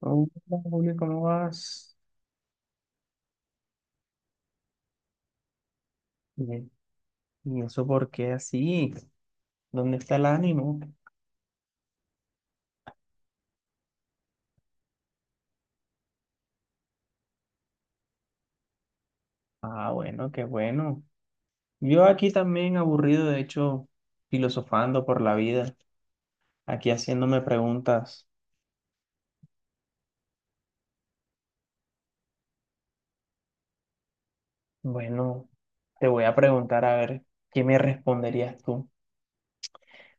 Oh, hola, Julio, ¿cómo vas? Bien. ¿Y eso por qué así? ¿Dónde está el ánimo? Ah, bueno, qué bueno. Yo aquí también aburrido, de hecho, filosofando por la vida, aquí haciéndome preguntas. Bueno, te voy a preguntar a ver qué me responderías tú.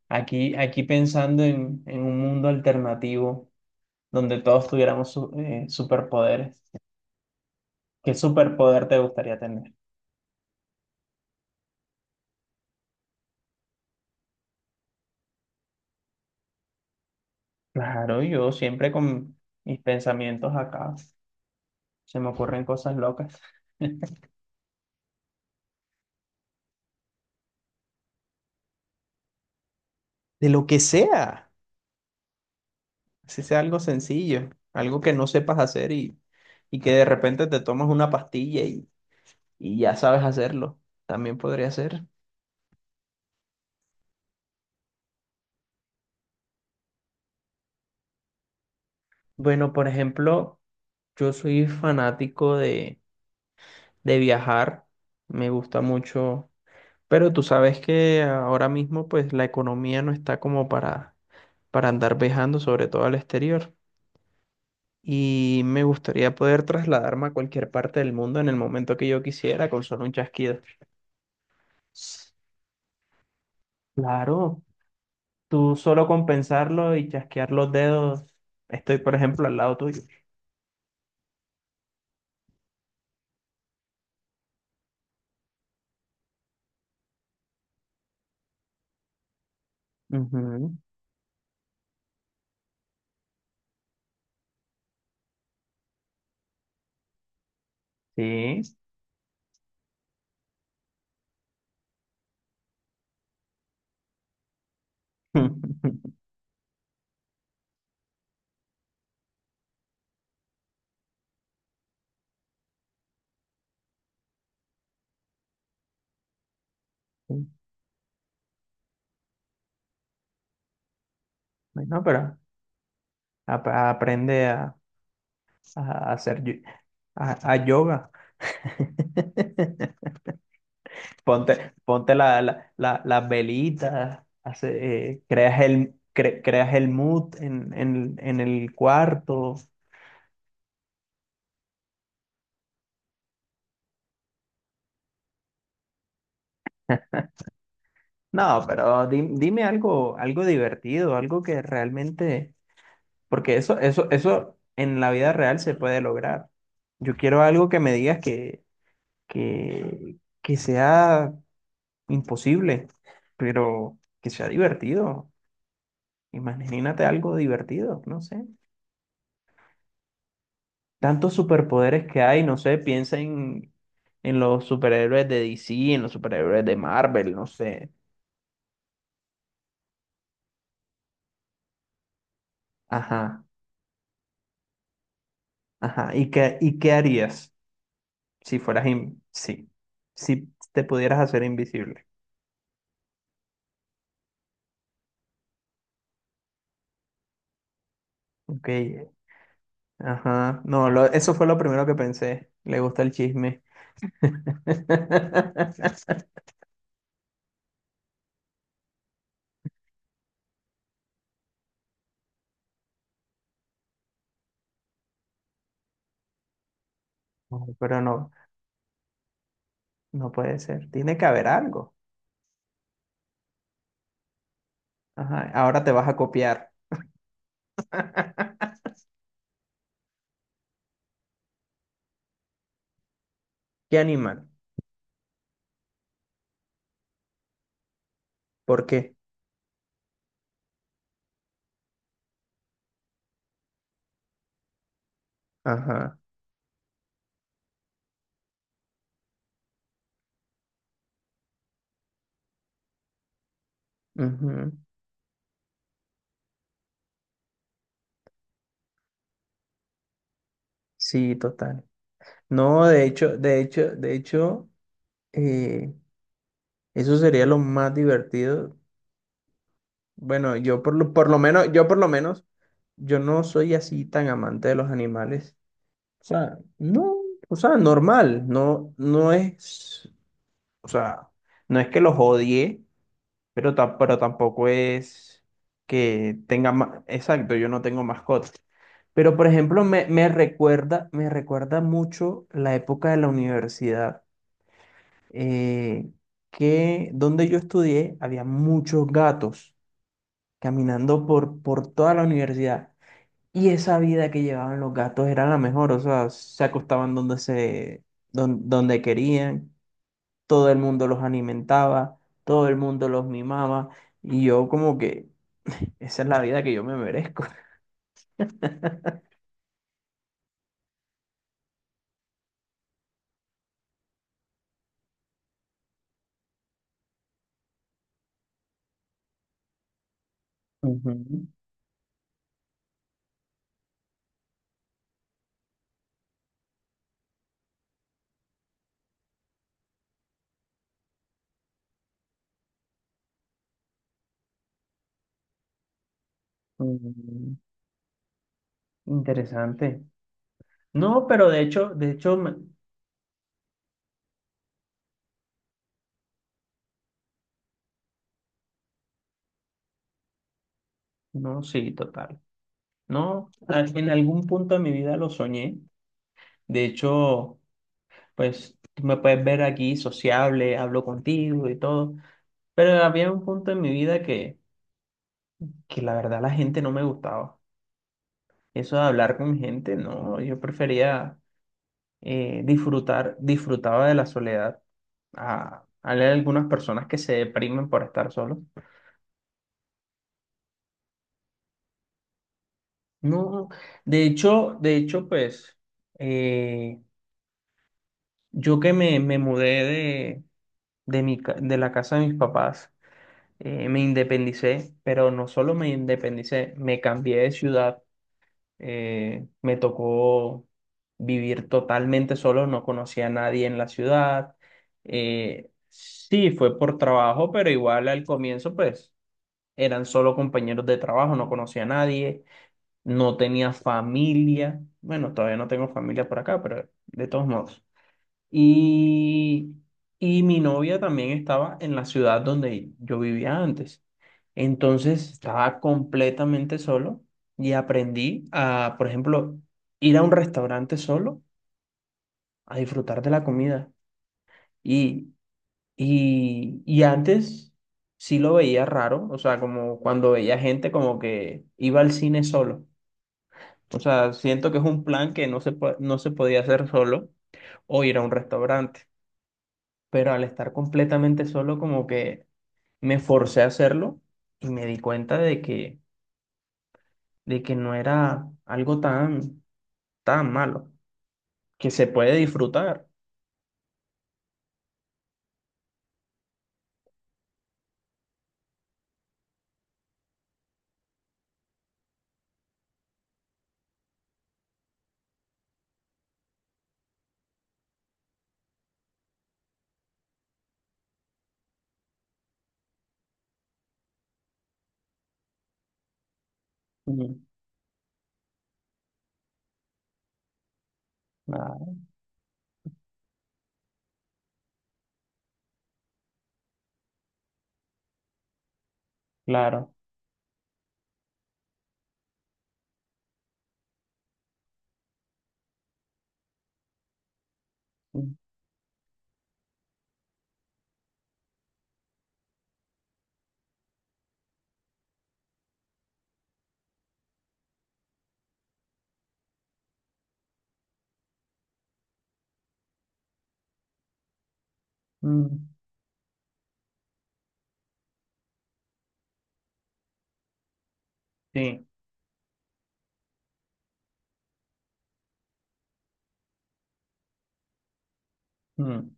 Aquí pensando en un mundo alternativo donde todos tuviéramos superpoderes. ¿Qué superpoder te gustaría tener? Claro, yo siempre con mis pensamientos acá. Se me ocurren cosas locas. De lo que sea, si sea algo sencillo, algo que no sepas hacer y que de repente te tomas una pastilla y ya sabes hacerlo, también podría ser. Bueno, por ejemplo, yo soy fanático de viajar, me gusta mucho, pero tú sabes que ahora mismo pues la economía no está como para andar viajando, sobre todo al exterior. Y me gustaría poder trasladarme a cualquier parte del mundo en el momento que yo quisiera con solo un chasquido. Claro, tú solo con pensarlo y chasquear los dedos, estoy, por ejemplo, al lado tuyo. Ujú, sí. Bueno, pero aprende a hacer a yoga. Ponte las velitas, hace, creas creas el mood en el cuarto. No, pero dime algo, algo divertido, algo que realmente, porque eso en la vida real se puede lograr. Yo quiero algo que me que sea imposible, pero que sea divertido. Imagínate algo divertido, no sé. Tantos superpoderes que hay, no sé, piensa en los superhéroes de DC, en los superhéroes de Marvel, no sé. Ajá, ajá. ¿Y y qué harías si fueras in- sí, si te pudieras hacer invisible? Ok, ajá. No, eso fue lo primero que pensé. Le gusta el chisme. No, pero no, no puede ser. Tiene que haber algo. Ajá. Ahora te vas a copiar. ¿Qué animal? ¿Por qué? Ajá. Ujú. Sí, total. No, de hecho, de hecho, de hecho, eh, eso sería lo más divertido. Bueno, yo por lo menos, yo por lo menos, yo no soy así tan amante de los animales. O sea, no, o sea, normal, no, no es, o sea, no es que los odie, pero, pero tampoco es que tenga más, exacto, yo no tengo mascotas. Pero, por ejemplo, me recuerda mucho la época de la universidad eh, que donde yo estudié había muchos gatos caminando por toda la universidad. Y esa vida que llevaban los gatos era la mejor, o sea, se acostaban donde querían, todo el mundo los alimentaba, todo el mundo los mimaba, y yo como que esa es la vida que yo me merezco. Ujú, ujú, interesante. No, pero de hecho, no, sí, total. No, en algún punto de mi vida lo soñé. De hecho, pues tú me puedes ver aquí sociable, hablo contigo y todo. Pero había un punto en mi que la verdad la gente no me gustaba. Eso de hablar con gente, no, yo prefería disfrutaba de la soledad. A leer algunas personas que se deprimen por estar solos. No, de hecho, pues eh, yo que me mudé de de la casa de mis papás. Me independicé, pero no solo me independicé, me cambié de ciudad. Me tocó vivir totalmente solo, no conocía a nadie en la ciudad. Sí, fue por trabajo, pero igual al comienzo, pues eran solo compañeros de trabajo, no conocía a nadie, no tenía familia. Bueno, todavía no tengo familia por acá, pero de todos modos. Y, y mi novia también estaba en la ciudad donde yo vivía antes. Entonces estaba completamente solo y aprendí a, por ejemplo, ir a un restaurante solo a disfrutar de la comida. Y, y antes sí lo veía raro, o sea, como cuando veía gente como que iba al cine solo. O sea, siento que es un plan que no se podía hacer solo o ir a un restaurante. Pero al estar completamente solo como que me forcé a hacerlo y me di cuenta de que no era algo tan malo, que se puede disfrutar. Mm, ah, claro. Mm, mm, sí. Mm,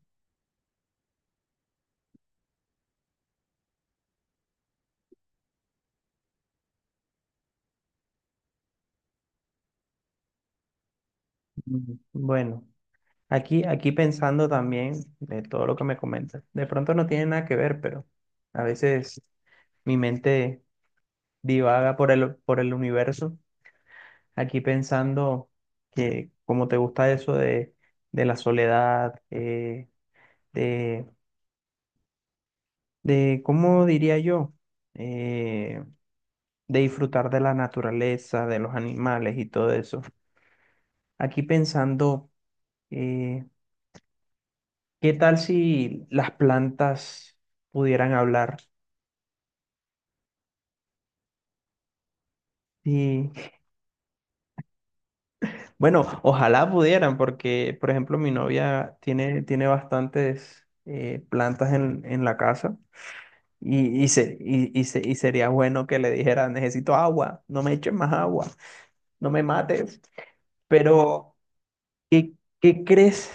mm. Bueno, aquí pensando también de todo lo que me comentas, de pronto no tiene nada que ver, pero a veces mi mente divaga por por el universo, aquí pensando que como te gusta eso de la soledad, de, de, ¿cómo diría yo? Eh, de disfrutar de la naturaleza, de los animales y todo eso. Aquí pensando, eh, ¿qué tal si las plantas pudieran hablar? Y bueno, ojalá pudieran, porque por ejemplo mi novia tiene bastantes plantas en la casa. Y sería bueno que le dijera, necesito agua, no me eches más agua, no me mates. Pero, ¿qué, qué crees?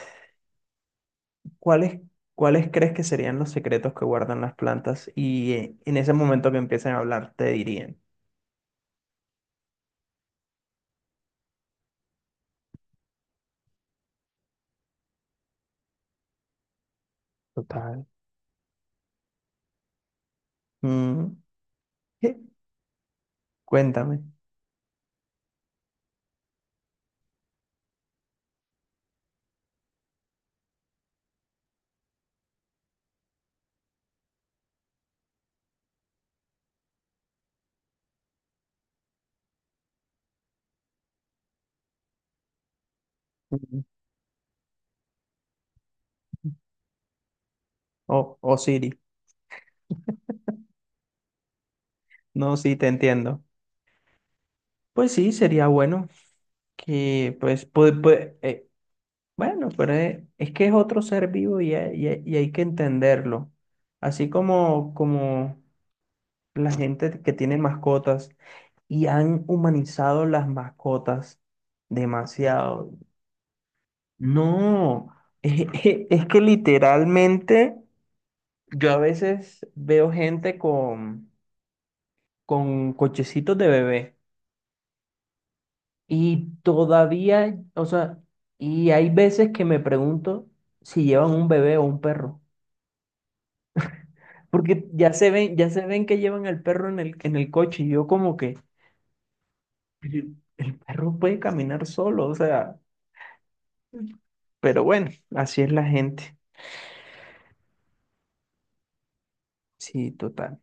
¿Cuáles, cuáles crees que serían los secretos que guardan las plantas? Y en ese momento que empiecen a hablar, te dirían, total. Mm, ¿qué? Cuéntame. Mm. O Siri. No, sí, te entiendo. Pues sí, sería bueno que, pues, bueno, pero es que es otro ser vivo hay que entenderlo. Así como, como la gente que tiene mascotas y han humanizado las mascotas demasiado. No, es, es que literalmente yo a veces veo gente con cochecitos de bebé y todavía, o sea, y hay veces que me pregunto si llevan un bebé o un perro. Porque ya se ven que llevan al perro en en el coche y yo como que el perro puede caminar solo, o sea, pero bueno, así es la gente. Sí, total.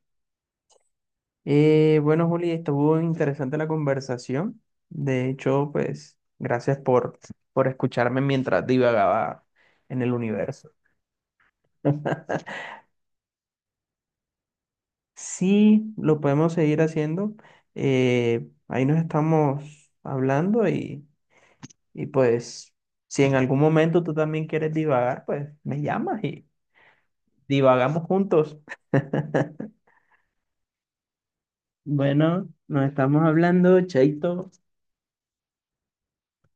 Bueno, Juli, estuvo interesante la conversación. De hecho, pues, gracias por escucharme mientras divagaba en el universo. Sí, lo podemos seguir haciendo. Ahí nos estamos hablando y pues, si en algún momento tú también quieres divagar, pues me llamas y divagamos juntos. Bueno, nos estamos hablando, Chaito.